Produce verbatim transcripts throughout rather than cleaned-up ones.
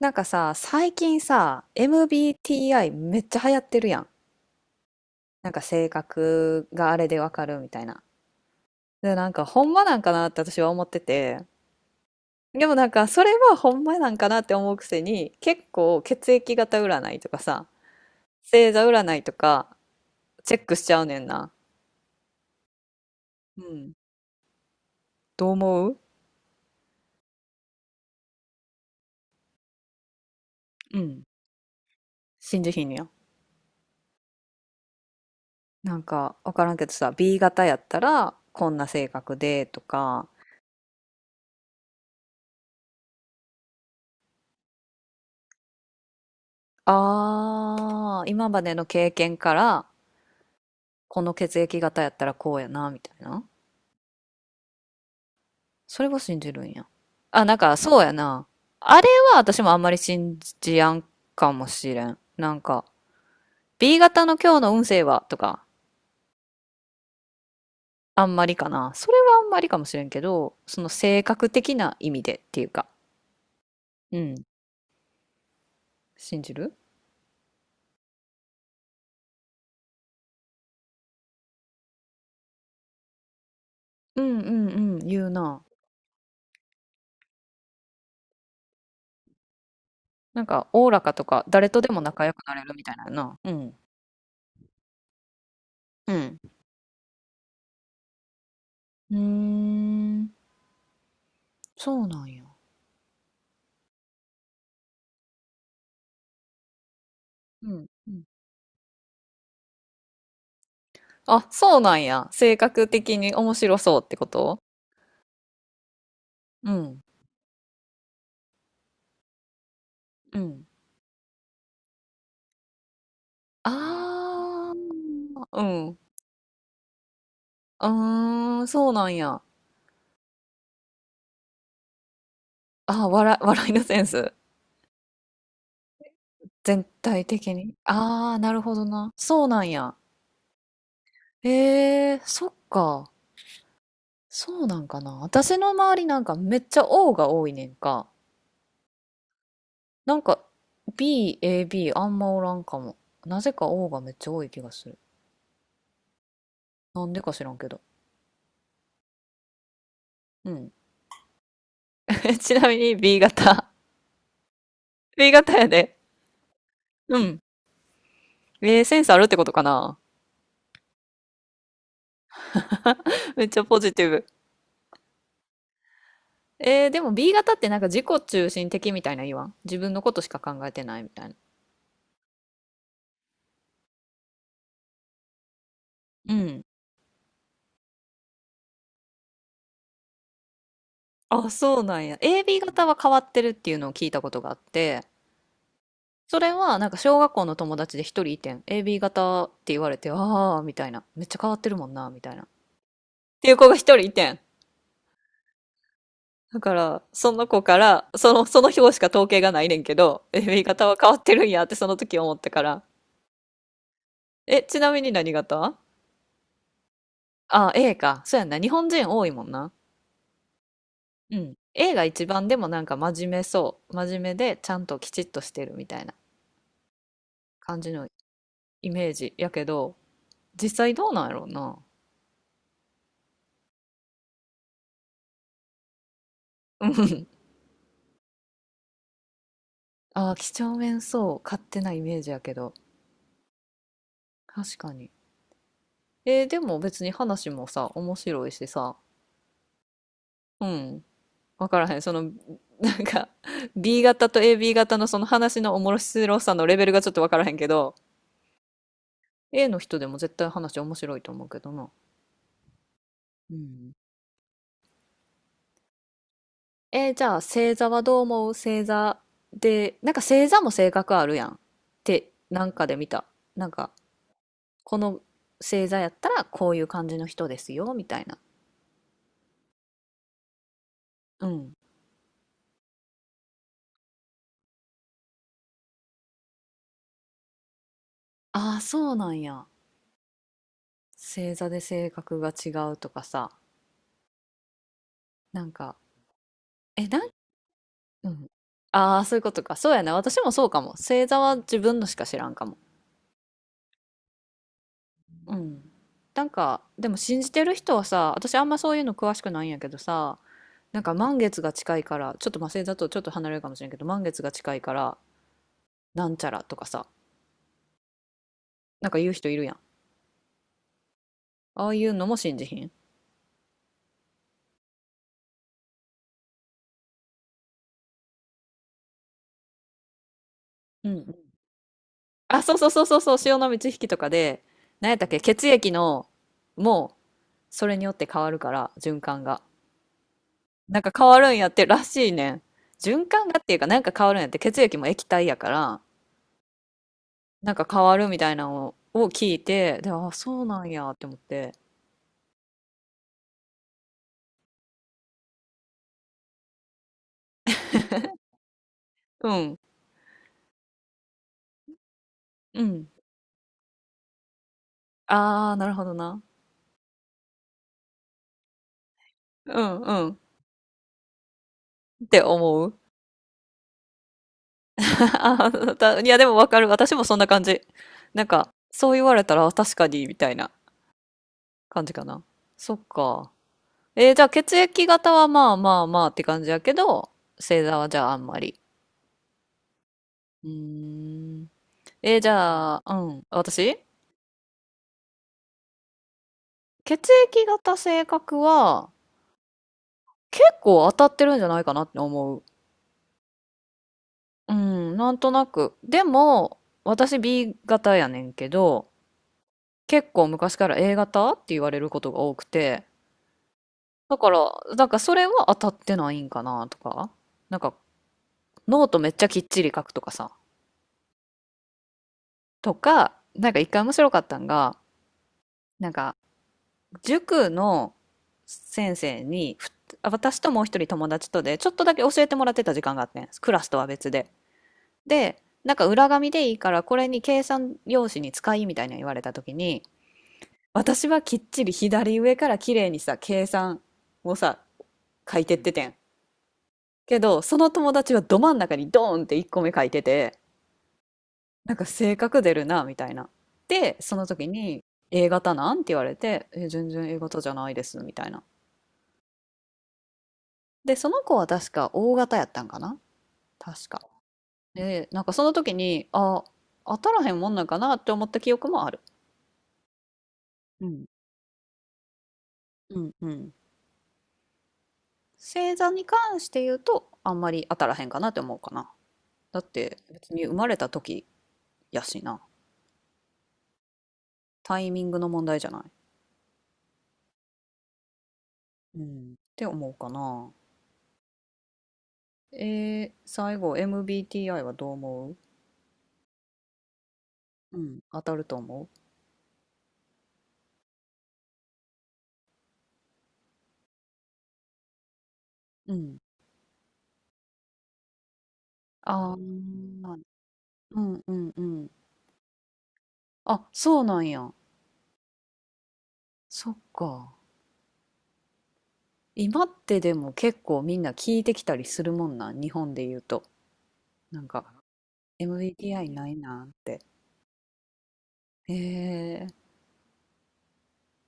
なんかさ、最近さ、エムビーティーアイ めっちゃ流行ってるやん。なんか性格があれでわかるみたいな。で、なんかほんまなんかなって私は思ってて。でもなんかそれはほんまなんかなって思うくせに、結構血液型占いとかさ、星座占いとかチェックしちゃうねんな。うん。どう思う？うん。信じひんのや。なんかわからんけどさ、B 型やったらこんな性格でとか、あー、今までの経験から、この血液型やったらこうやな、みたいな。それは信じるんや。あ、なんか、そうやな。あれは私もあんまり信じやんかもしれん。なんか、B 型の今日の運勢はとか、あんまりかな。それはあんまりかもしれんけど、その性格的な意味でっていうか、うん。信じる？うんうんうん、言うな。なんか、おおらかとか、誰とでも仲良くなれるみたいなやな。うん。うん。うーん、そうなんや。うん。うん、あ、そうなんや。性格的に面白そうってこと？うん。うん。ああ、うん。うーん、そうなんや。あー、笑い、笑いのセンス。全体的に。ああ、なるほどな。そうなんや。ええ、そっか。そうなんかな。私の周りなんかめっちゃ O が多いねんか。なんか B、A、B あんまおらんかも。なぜか O がめっちゃ多い気がする。なんでか知らんけど。うん。ちなみに B 型。B 型やで。うん。えー、センスあるってことかな。めっちゃポジティブ。えー、でも B 型ってなんか自己中心的みたいな言わん？自分のことしか考えてないみたいな。うん。あ、そうなんや。エービー 型は変わってるっていうのを聞いたことがあって、それはなんか小学校の友達で一人いてん。エービー 型って言われて、ああ、みたいな。めっちゃ変わってるもんな、みたいな、っていう子が一人いてん。だから、その子から、その、その表しか統計がないねんけど、エービー 型は変わってるんやってその時思ってから。え、ちなみに何型？あ、A か。そうやんな。日本人多いもんな。うん。A が一番でもなんか真面目そう。真面目でちゃんときちっとしてるみたいな感じのイメージやけど、実際どうなんやろうな。うん。ああ、几帳面そう。勝手なイメージやけど。確かに。えーでも別に話もさ、面白いしさ。うん。わからへん。その、なんか、B 型と エービー 型のその話の面白さのレベルがちょっとわからへんけど、A の人でも絶対話面白いと思うけどな。うん。えーじゃあ星座はどう思う？星座で、なんか星座も性格あるやんってなんかで見た。なんかこの星座やったらこういう感じの人ですよみたいな。うん。ああ、そうなんや。星座で性格が違うとかさ。なんか、え、なん、うん。ああ、そういうことか。そうやな。私もそうかも。星座は自分のしか知らんかも。うん。なんか、でも信じてる人はさ、私あんまそういうの詳しくないんやけどさ、なんか満月が近いから、ちょっとまあ星座とちょっと離れるかもしれんけど、満月が近いからなんちゃらとかさ、なんか言う人いるやん。ああいうのも信じひん？うんうん。あ、そうそうそうそうそう、潮の満ち引きとかで、何やったっけ、血液の、もうそれによって変わるから、循環がなんか変わるんやってらしいねん。循環がっていうか、なんか変わるんやって。血液も液体やから、なんか変わるみたいなのを聞いて、で、あ、そうなんやって思って。うんうん、ああー、なるほどな。うんうん、って思う。 いや、でもわかる。私もそんな感じ。なんか、そう言われたら、あ、確かに、みたいな感じかな。そっか。えーじゃあ血液型はまあまあまあって感じやけど、星座はじゃああんまり。うーん。えーじゃあ、うん。私、血液型性格は、結構当たってるんじゃないかなって思う。うん、なんとなく。でも、私 B 型やねんけど、結構昔から A 型って言われることが多くて、だから、なんかそれは当たってないんかなとか、なんかノートめっちゃきっちり書くとかさ、とか、なんか一回面白かったんが、なんか塾の先生に、ふあ私ともう一人友達とで、ちょっとだけ教えてもらってた時間があってん。クラスとは別で。で、なんか裏紙でいいから、これに計算用紙に使いみたいな言われた時に、私はきっちり左上から綺麗にさ、計算をさ、書いてっててん。けど、その友達はど真ん中にドーンっていっこめ書いてて、なんか性格出るな、みたいな。で、その時に、A 型なんって言われて、え、全然 A 型じゃないです、みたいな。で、その子は確か O 型やったんかな、確か。で、なんかその時に、あ、当たらへんもんなんかなって思った記憶もある。うん。うんうん。星座に関して言うと、あんまり当たらへんかなって思うかな。だって、別に生まれた時やしな。タイミングの問題じゃない？うん。って思うかな。えー、最後 エムビーティーアイ はどう思う？うん、当たると思う？うん。ああ、うんうんうん。あ、そうなんや。そっか。今ってでも結構みんな聞いてきたりするもんな、日本で言うと。なんか、エムビーティーアイ ないなって。へえ。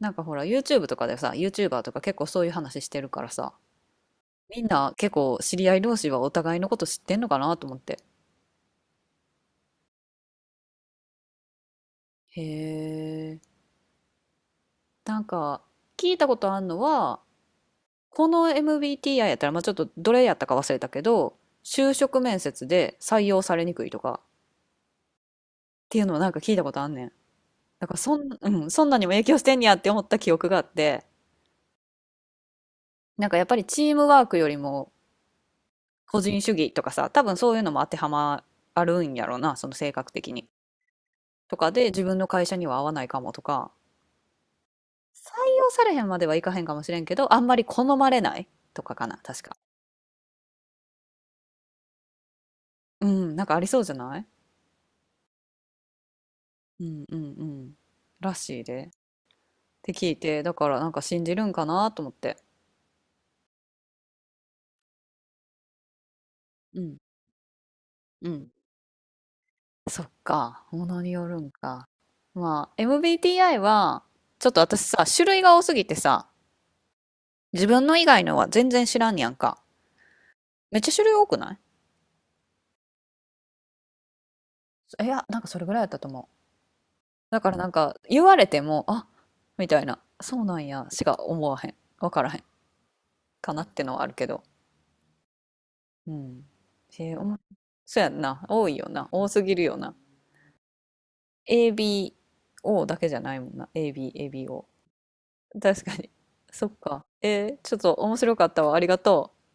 なんかほら、YouTube とかでさ、YouTuber とか結構そういう話してるからさ、みんな結構知り合い同士はお互いのこと知ってんのかなと思って。へえ。なんか、聞いたことあんのは、この エムビーティーアイ やったら、まあ、ちょっとどれやったか忘れたけど、就職面接で採用されにくいとかっていうのをなんか聞いたことあんねん。だからそん、うん、そんなにも影響してんやって思った記憶があって、なんかやっぱりチームワークよりも個人主義とかさ、多分そういうのも当てはまあるんやろうな、その性格的に。とかで自分の会社には合わないかもとか、採用されへんまではいかへんかもしれんけど、あんまり好まれないとかかな、確か。うん、なんかありそうじゃない？うんうんうん。らしいで。て聞いて、だからなんか信じるんかなと思って。うん、うん、そっか、ものによるんか。まあ、エムビーティーアイ は、ちょっと私さ、種類が多すぎてさ、自分の以外のは全然知らんやんか。めっちゃ種類多くない？いや、なんかそれぐらいやったと思う。だからなんか、言われても、あ、みたいな、そうなんや、しか思わへん。わからへん。かなってのはあるけど。うん。えー、おもそうやんな。多いよな。多すぎるよな。エービーオー だけじゃないもんな。エービー、エービーオー。確かに。そっか。えーちょっと面白かったわ。ありがとう。